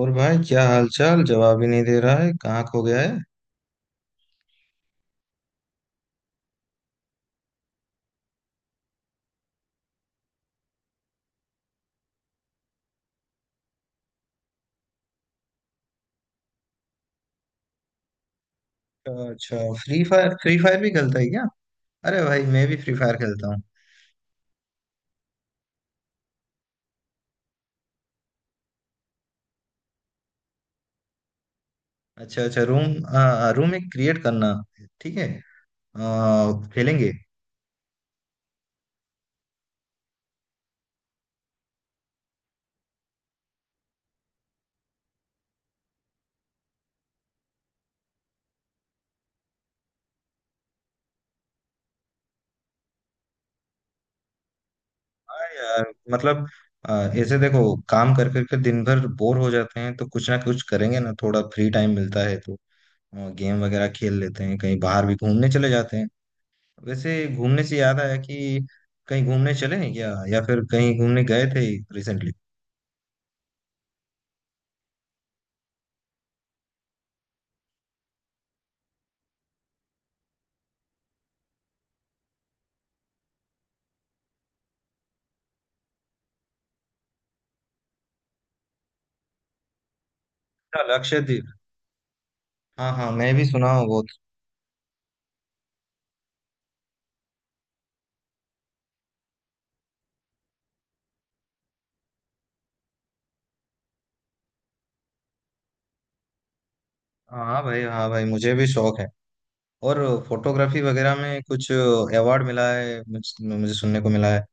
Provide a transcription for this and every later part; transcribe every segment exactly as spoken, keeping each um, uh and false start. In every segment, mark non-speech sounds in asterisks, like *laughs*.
और भाई क्या हाल चाल? जवाब ही नहीं दे रहा है, कहाँ खो गया है। अच्छा, फ्री फायर? फ्री फायर भी खेलता है क्या? अरे भाई, मैं भी फ्री फायर खेलता हूँ। अच्छा अच्छा, रूम आ, रूम एक क्रिएट करना। ठीक है। आ, खेलेंगे। हाँ यार। मतलब आ, ऐसे देखो, काम कर करके दिन भर बोर हो जाते हैं तो कुछ ना कुछ करेंगे ना। थोड़ा फ्री टाइम मिलता है तो आ, गेम वगैरह खेल लेते हैं, कहीं बाहर भी घूमने चले जाते हैं। वैसे घूमने से याद आया कि कहीं घूमने चले हैं क्या, या फिर कहीं घूमने गए थे रिसेंटली? अच्छा, लक्षद्वीप। हाँ हाँ, मैं भी सुना हूँ बहुत। हाँ भाई, हाँ भाई, मुझे भी शौक है। और फोटोग्राफी वगैरह में कुछ अवार्ड मिला है मुझे, मुझे सुनने को मिला है।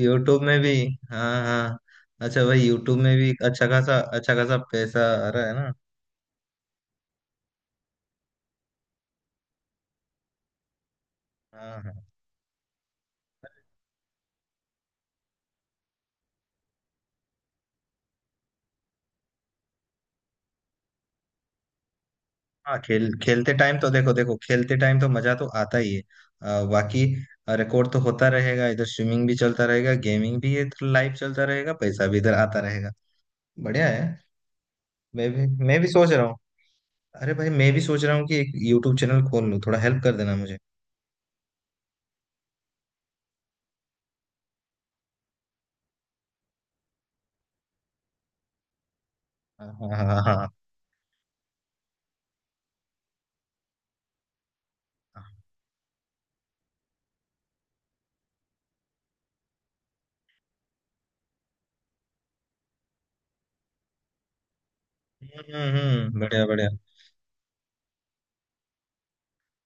यूट्यूब में भी। हाँ हाँ। अच्छा भाई, यूट्यूब में भी अच्छा खासा अच्छा खासा पैसा आ रहा है ना। हाँ हाँ। हाँ खेल खेलते टाइम तो देखो, देखो खेलते टाइम तो मजा तो आता ही है। आ, बाकी रिकॉर्ड तो होता रहेगा, इधर स्विमिंग भी चलता रहेगा, गेमिंग भी इधर लाइव चलता रहेगा, पैसा भी इधर आता रहेगा। बढ़िया है। मैं भी मैं भी सोच रहा हूँ। अरे भाई, मैं भी सोच रहा हूँ कि एक यूट्यूब चैनल खोल लूँ। थोड़ा हेल्प कर देना मुझे। हाँ हाँ हाँ हाँ हाँ। हम्म हम्म, बढ़िया बढ़िया।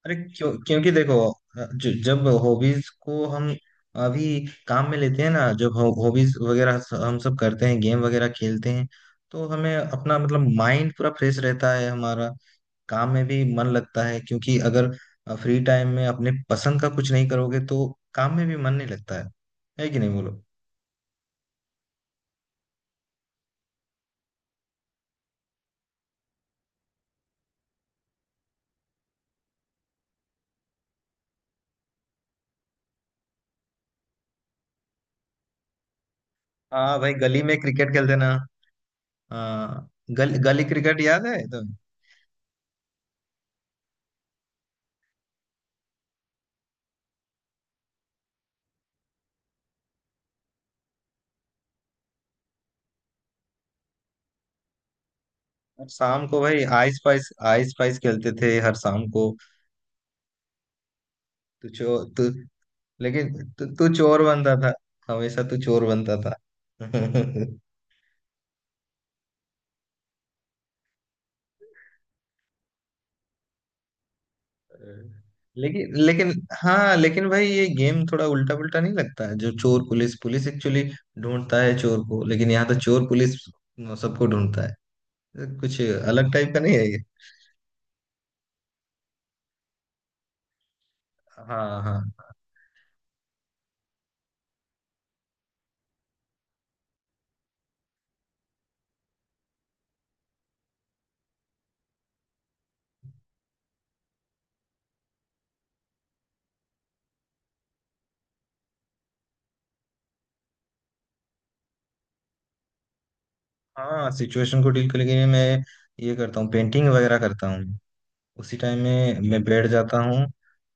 अरे क्यों? क्योंकि देखो, जो जब हॉबीज को हम अभी काम में लेते हैं ना, जब हॉबीज वगैरह स- हम सब करते हैं, गेम वगैरह खेलते हैं, तो हमें अपना मतलब माइंड पूरा फ्रेश रहता है हमारा। काम में भी मन लगता है। क्योंकि अगर फ्री टाइम में अपने पसंद का कुछ नहीं करोगे तो काम में भी मन नहीं लगता है। है कि नहीं बोलो? हाँ भाई, गली में क्रिकेट खेलते ना। हाँ, गल, गली क्रिकेट याद है तुम्हें? शाम को भाई, आइस पाइस आइस पाइस खेलते थे हर शाम को। तू चो तू लेकिन, तू तू चोर बनता था, हमेशा तू चोर बनता था। *laughs* लेकिन लेकिन, हाँ लेकिन भाई ये गेम थोड़ा उल्टा पुल्टा नहीं लगता है? जो चोर पुलिस, पुलिस एक्चुअली ढूंढता है चोर को, लेकिन यहाँ तो चोर पुलिस सबको ढूंढता है। कुछ अलग टाइप का नहीं है ये? हाँ हाँ। हाँ, सिचुएशन को डील करने के लिए मैं ये करता हूँ, पेंटिंग वगैरह करता हूँ। उसी टाइम में मैं बैठ जाता हूँ।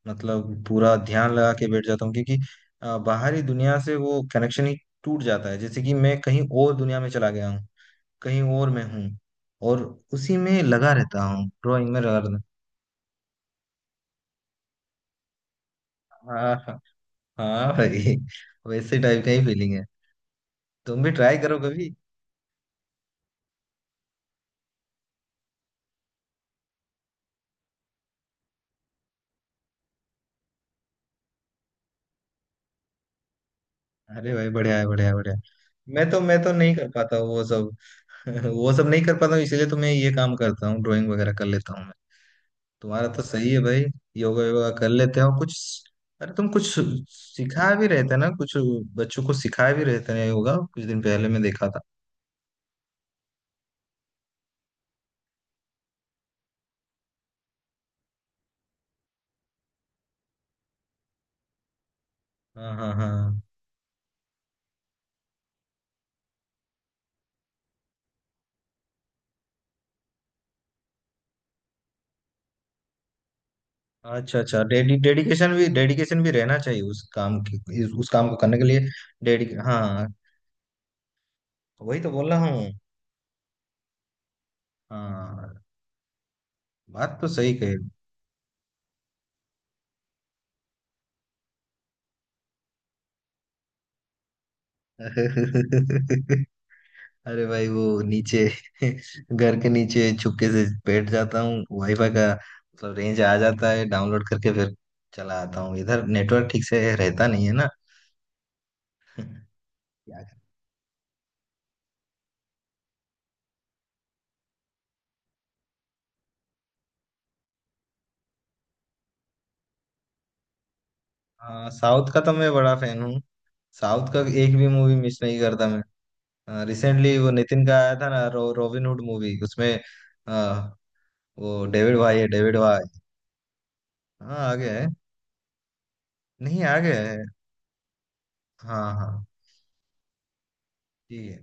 मतलब पूरा ध्यान लगा के बैठ जाता हूँ, क्योंकि अ, बाहरी दुनिया से वो कनेक्शन ही टूट जाता है। जैसे कि मैं कहीं और दुनिया में चला गया हूँ, कहीं और मैं हूँ। और उसी में लगा रहता हूँ, ड्राइंग में लगा रहता हूँ। हाँ हाँ। हाँ भाई, वैसे टाइप का ही फीलिंग है। तुम भी ट्राई करो कभी। अरे भाई बढ़िया है, बढ़िया है, बढ़िया है। मैं तो मैं तो नहीं कर पाता हूँ वो सब। *laughs* वो सब नहीं कर पाता हूँ, इसीलिए तो मैं ये काम करता हूँ, ड्राइंग वगैरह कर लेता हूँ। तुम्हारा तो सही है भाई। योगा, योगा कर लेते हो कुछ। अरे तुम कुछ सिखा भी रहे थे ना कुछ, बच्चों को सिखा भी रहे थे ना योगा कुछ दिन पहले मैं देखा था। हाँ हाँ हाँ। अच्छा अच्छा, डेडी डेडिकेशन भी, डेडिकेशन भी रहना चाहिए उस काम की, इस- उस काम को करने के लिए। डेडिक हाँ, वही तो बोल रहा हूँ। हाँ, बात तो सही। कही *laughs* अरे भाई वो नीचे *laughs* घर के नीचे चुपके से बैठ जाता हूँ, वाईफाई का मतलब रेंज आ जाता है, डाउनलोड करके फिर चला आता हूँ इधर। नेटवर्क ठीक से रहता नहीं है ना, क्या करें। हाँ, साउथ का तो मैं बड़ा फैन हूँ। साउथ का एक भी मूवी मिस नहीं करता मैं। रिसेंटली वो नितिन का आया था ना, रो, रॉबिन हुड मूवी, उसमें अ, वो डेविड भाई है, डेविड भाई। हाँ आ गया है, नहीं आ गया है। हाँ हाँ, ठीक है।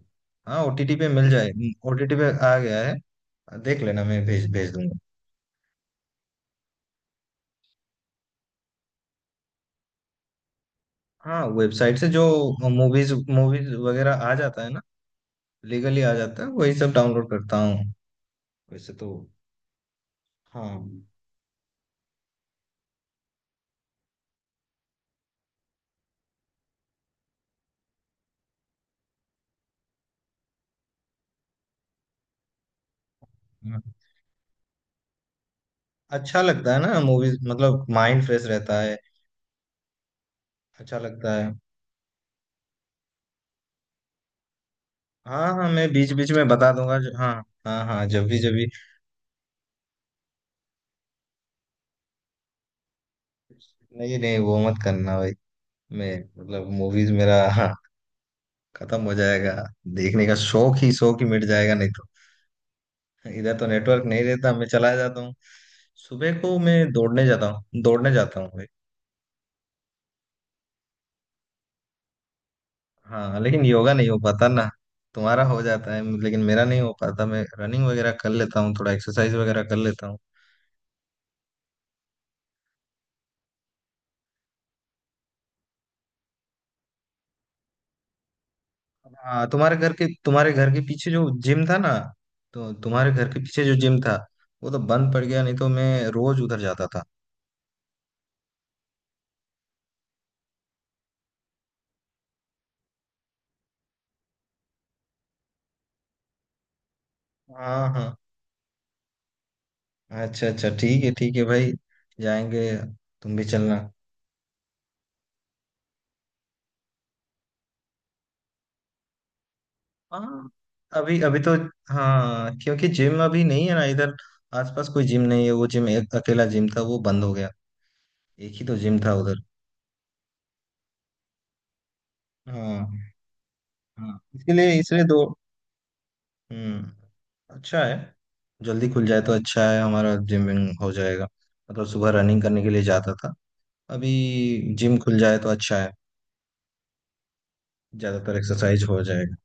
हाँ ओटीटी पे मिल जाए। ओटीटी पे आ गया है, देख लेना, मैं भेज भेज दूंगा। हाँ, वेबसाइट से जो मूवीज, मूवीज वगैरह आ जाता है ना, लीगली आ जाता है, वही सब डाउनलोड करता हूँ वैसे तो। हाँ हाँ। अच्छा लगता है ना मूवीज, मतलब माइंड फ्रेश रहता है, अच्छा लगता है। हाँ हाँ, मैं बीच बीच में बता दूंगा जो- हाँ, हाँ हाँ, जब भी जब भी। नहीं नहीं, वो मत करना भाई, मैं मतलब मूवीज मेरा *laughs* हाँ, खत्म हो जाएगा, देखने का शौक ही, शौक ही मिट जाएगा नहीं तो। इधर तो नेटवर्क नहीं रहता, मैं चला जाता हूँ। सुबह को मैं दौड़ने जाता हूँ, दौड़ने जाता हूँ। हाँ, लेकिन योगा नहीं हो पाता ना। तुम्हारा हो जाता है लेकिन मेरा नहीं हो पाता। मैं रनिंग वगैरह कर लेता हूँ, थोड़ा एक्सरसाइज वगैरह कर लेता हूँ। हाँ, तुम्हारे घर के तुम्हारे घर के पीछे जो जिम था ना, तो तुम्हारे घर के पीछे जो जिम था वो तो बंद पड़ गया, नहीं तो मैं रोज उधर जाता था। हाँ हाँ, अच्छा अच्छा, ठीक है ठीक है भाई, जाएंगे, तुम भी चलना। हाँ। अभी अभी तो हाँ, क्योंकि जिम अभी नहीं है ना इधर आसपास, कोई जिम नहीं है। वो जिम एक अकेला जिम था, वो बंद हो गया। एक ही तो जिम था उधर। हाँ हाँ, इसके लिए इसलिए दो। हम्म, अच्छा है, जल्दी खुल जाए तो अच्छा है, हमारा जिम विम हो जाएगा। मतलब सुबह रनिंग करने के लिए जाता था अभी, जिम खुल जाए तो अच्छा है, ज्यादातर एक्सरसाइज हो जाएगा।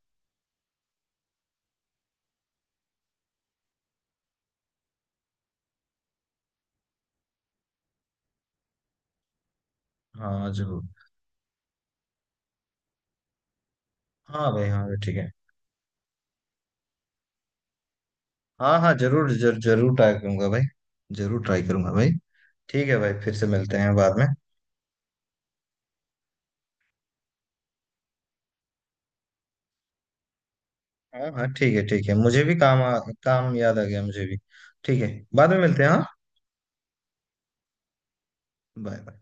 हाँ जरूर। हाँ भाई, हाँ भाई, ठीक है। हाँ हाँ, जरूर जरूर जरूर ट्राई करूंगा भाई, जरूर ट्राई करूंगा भाई। ठीक है भाई, फिर से मिलते हैं बाद में। हाँ हाँ, ठीक है ठीक है, मुझे भी काम आ, काम याद आ गया मुझे भी। ठीक है, बाद में मिलते हैं। हाँ, बाय बाय।